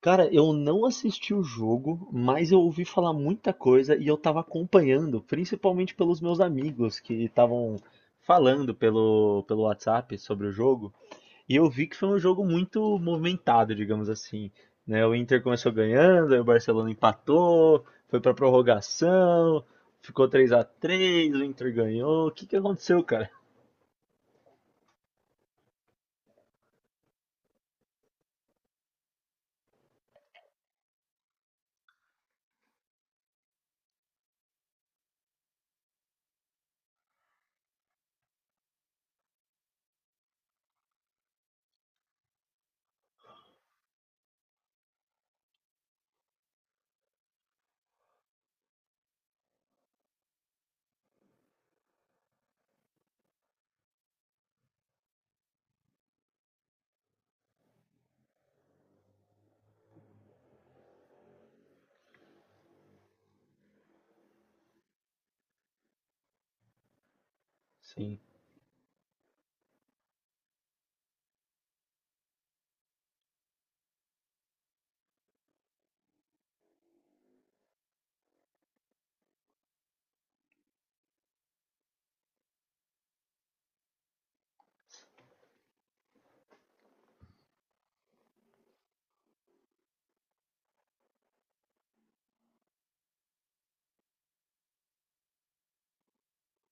Cara, eu não assisti o jogo, mas eu ouvi falar muita coisa e eu tava acompanhando, principalmente pelos meus amigos que estavam falando pelo WhatsApp sobre o jogo. E eu vi que foi um jogo muito movimentado, digamos assim, né? O Inter começou ganhando, aí o Barcelona empatou, foi pra prorrogação, ficou 3-3, o Inter ganhou. O que que aconteceu, cara? Sim.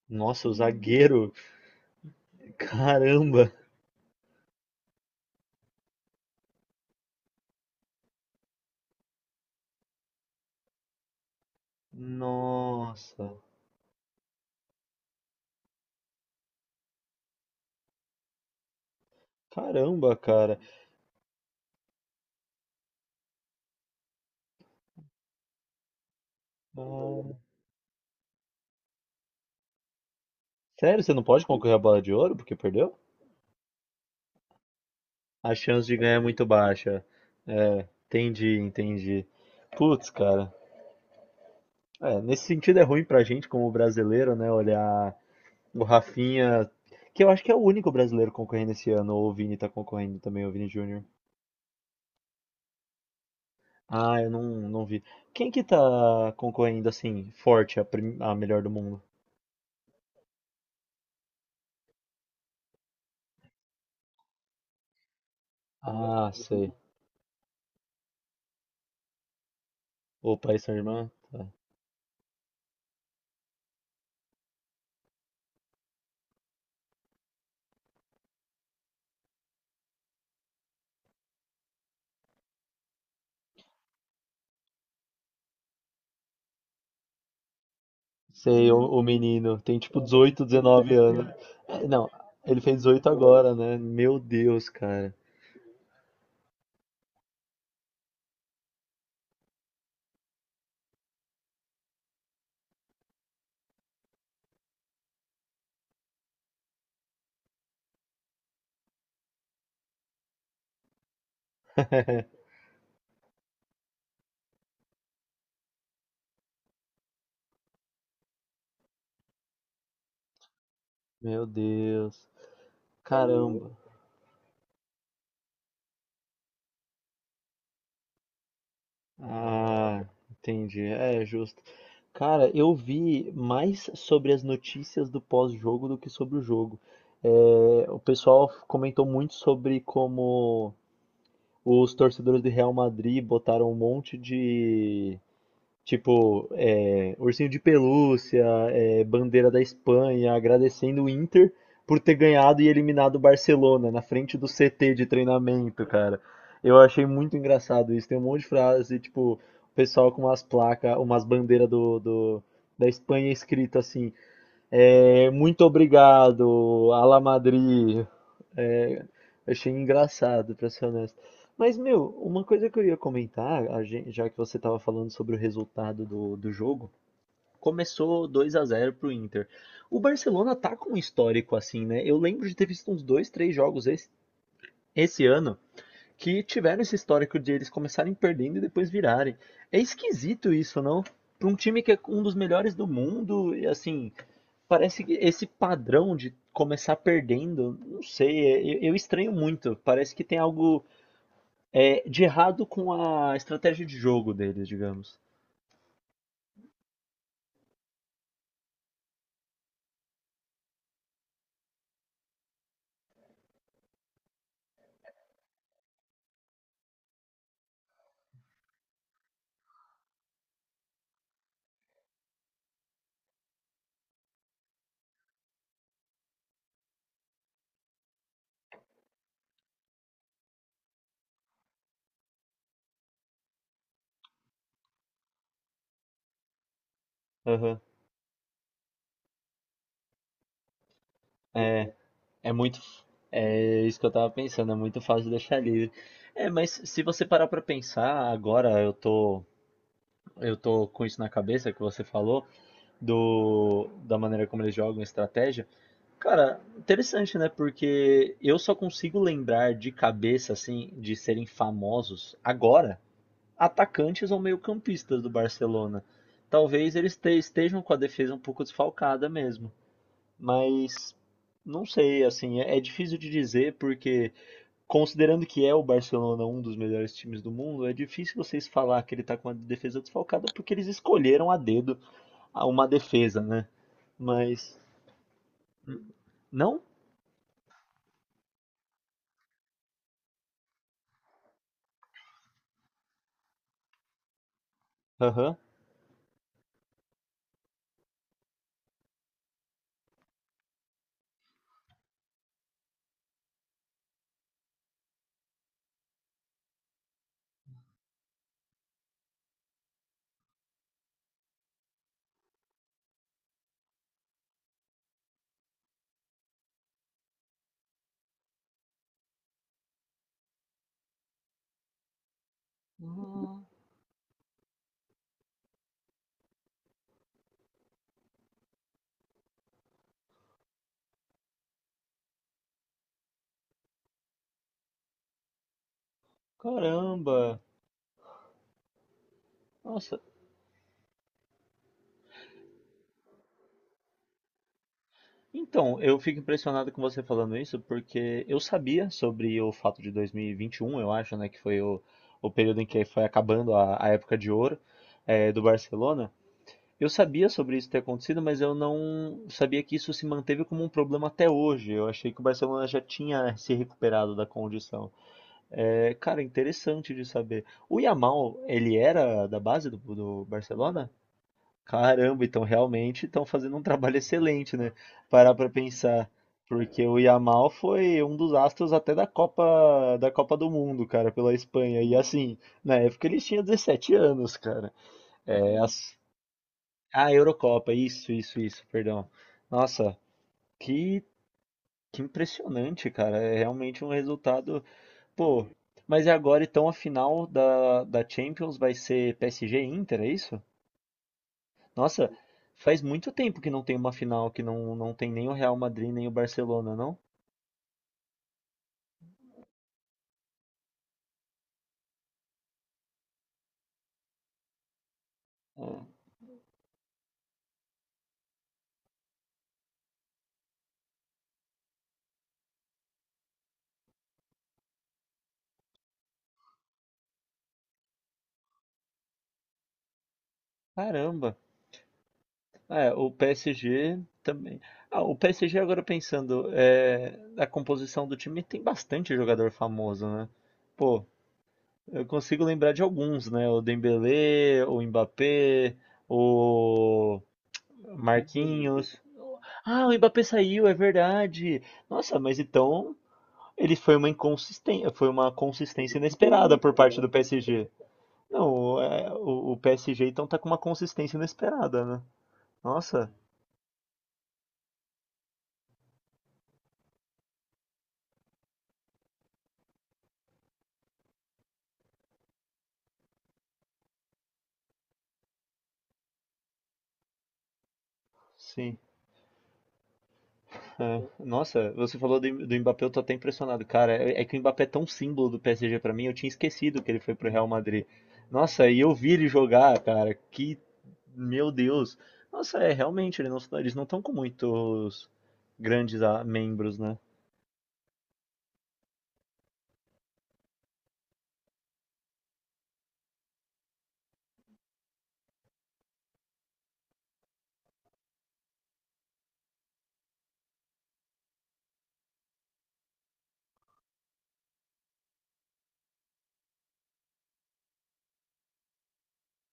Nossa, o zagueiro. Caramba. Nossa. Caramba, cara. Ah, sério, você não pode concorrer à bola de ouro porque perdeu? A chance de ganhar é muito baixa. É, entendi, entendi. Putz, cara. É, nesse sentido é ruim pra gente como brasileiro, né? Olhar o Rafinha, que eu acho que é o único brasileiro concorrendo esse ano, ou o Vini tá concorrendo também, o Vini Júnior. Ah, eu não, não vi. Quem que tá concorrendo assim, forte, a melhor do mundo? Ah, sei. O Paris Saint-Germain? Tá. Sei, o menino tem tipo 18, 19 anos. É, não, ele fez 18 agora, né? Meu Deus, cara. Meu Deus. Caramba. Ah, entendi. É justo. Cara, eu vi mais sobre as notícias do pós-jogo do que sobre o jogo. É, o pessoal comentou muito sobre como os torcedores do Real Madrid botaram um monte de tipo, é, ursinho de pelúcia, é, bandeira da Espanha, agradecendo o Inter por ter ganhado e eliminado o Barcelona na frente do CT de treinamento, cara. Eu achei muito engraçado isso. Tem um monte de frase, tipo, o pessoal com umas placas, umas bandeiras da Espanha, escrito assim: é, muito obrigado, Ala Madrid, é, achei engraçado, pra ser honesto. Mas, meu, uma coisa que eu ia comentar, já que você tava falando sobre o resultado do jogo, começou dois a 0 pro Inter. O Barcelona tá com um histórico assim, né? Eu lembro de ter visto uns dois, três jogos esse ano que tiveram esse histórico de eles começarem perdendo e depois virarem. É esquisito isso, não? Para um time que é um dos melhores do mundo, e assim, parece que esse padrão de começar perdendo, não sei, eu estranho muito. Parece que tem algo, é, de errado com a estratégia de jogo deles, digamos. Aham. É, é muito. É isso que eu tava pensando, é muito fácil deixar livre. É, mas se você parar pra pensar, agora eu tô com isso na cabeça que você falou. Do, da maneira como eles jogam estratégia. Cara, interessante, né? Porque eu só consigo lembrar de cabeça, assim, de serem famosos agora, atacantes ou meio-campistas do Barcelona. Talvez estejam com a defesa um pouco desfalcada mesmo. Mas não sei, assim, é difícil de dizer porque, considerando que é o Barcelona um dos melhores times do mundo, é difícil vocês falar que ele tá com a defesa desfalcada porque eles escolheram a dedo a uma defesa, né? Mas. Não? Aham. Ah, caramba! Nossa. Então, eu fico impressionado com você falando isso, porque eu sabia sobre o fato de 2021, eu acho, né? Que foi o período em que foi acabando a época de ouro, do Barcelona. Eu sabia sobre isso ter acontecido, mas eu não sabia que isso se manteve como um problema até hoje. Eu achei que o Barcelona já tinha se recuperado da condição. É, cara, interessante de saber. O Yamal, ele era da base do Barcelona? Caramba, então realmente estão fazendo um trabalho excelente, né? Parar pra pensar. Porque o Yamal foi um dos astros até da Copa do Mundo, cara, pela Espanha. E assim, na época eles tinham 17 anos, cara. É, ah, Eurocopa, isso, perdão. Nossa, que, que impressionante, cara. É realmente um resultado. Pô, mas e agora então a final da Champions vai ser PSG e Inter, é isso? Nossa, faz muito tempo que não tem uma final que não tem nem o Real Madrid nem o Barcelona, não? Ah, caramba. É, o PSG também. Ah, o PSG agora pensando, é, a composição do time tem bastante jogador famoso, né? Pô, eu consigo lembrar de alguns, né? O Dembélé, o Mbappé, o Marquinhos. Ah, o Mbappé saiu, é verdade. Nossa, mas então ele foi uma inconsistência, foi uma consistência inesperada por parte do PSG. Não, é, o PSG então tá com uma consistência inesperada, né? Nossa, sim. É. Nossa, você falou do Mbappé, eu tô até impressionado, cara. É, é que o Mbappé é tão símbolo do PSG pra mim, eu tinha esquecido que ele foi pro Real Madrid. Nossa, e eu vi ele jogar, cara. Que, meu Deus. Nossa, é realmente, eles não estão com muitos grandes, membros, né?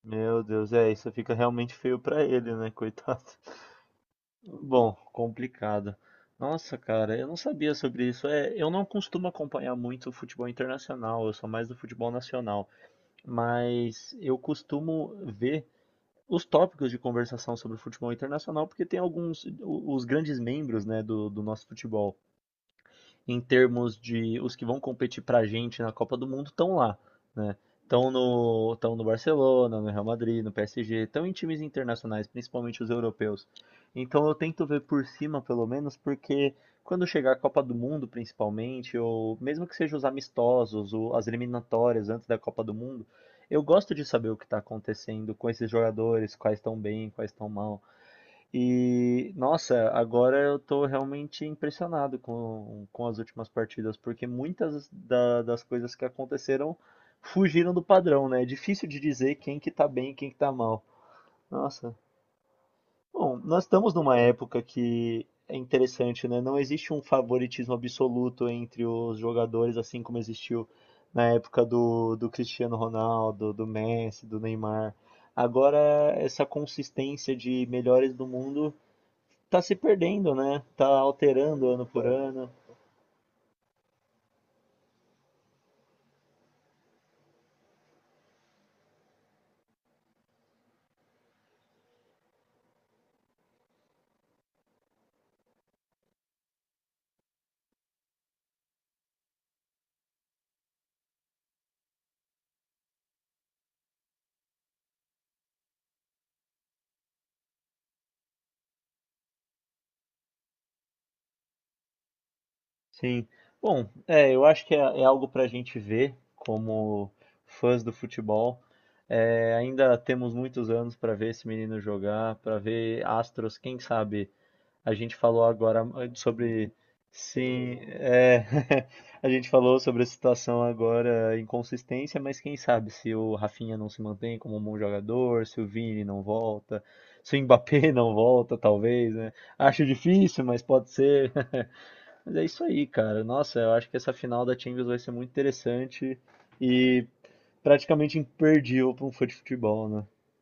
Meu Deus, é, isso fica realmente feio pra ele, né, coitado. Bom, complicado. Nossa, cara, eu não sabia sobre isso. É, eu não costumo acompanhar muito o futebol internacional, eu sou mais do futebol nacional, mas eu costumo ver os tópicos de conversação sobre o futebol internacional porque tem alguns os grandes membros, né, do nosso futebol em termos de os que vão competir para a gente na Copa do Mundo estão lá, né? Estão tão no Barcelona, no Real Madrid, no PSG, estão em times internacionais, principalmente os europeus. Então eu tento ver por cima, pelo menos, porque quando chegar a Copa do Mundo, principalmente, ou mesmo que sejam os amistosos, ou as eliminatórias antes da Copa do Mundo, eu gosto de saber o que está acontecendo com esses jogadores, quais estão bem, quais estão mal, e, nossa, agora eu tô realmente impressionado com as últimas partidas, porque muitas das coisas que aconteceram fugiram do padrão, né? É difícil de dizer quem que tá bem e quem que tá mal. Nossa. Bom, nós estamos numa época que é interessante, né? Não existe um favoritismo absoluto entre os jogadores, assim como existiu na época do Cristiano Ronaldo, do Messi, do Neymar. Agora, essa consistência de melhores do mundo tá se perdendo, né? Tá alterando ano por ano. Sim. Bom, é, eu acho que é algo para a gente ver como fãs do futebol. É, ainda temos muitos anos para ver esse menino jogar, para ver astros, quem sabe. A gente falou agora, sobre. Sim, é. A gente falou sobre a situação agora, inconsistência, mas quem sabe se o Rafinha não se mantém como um bom jogador, se o Vini não volta, se o Mbappé não volta, talvez, né? Acho difícil, mas pode ser. Mas é isso aí, cara. Nossa, eu acho que essa final da Champions vai ser muito interessante e praticamente imperdível para um fã de futebol, né?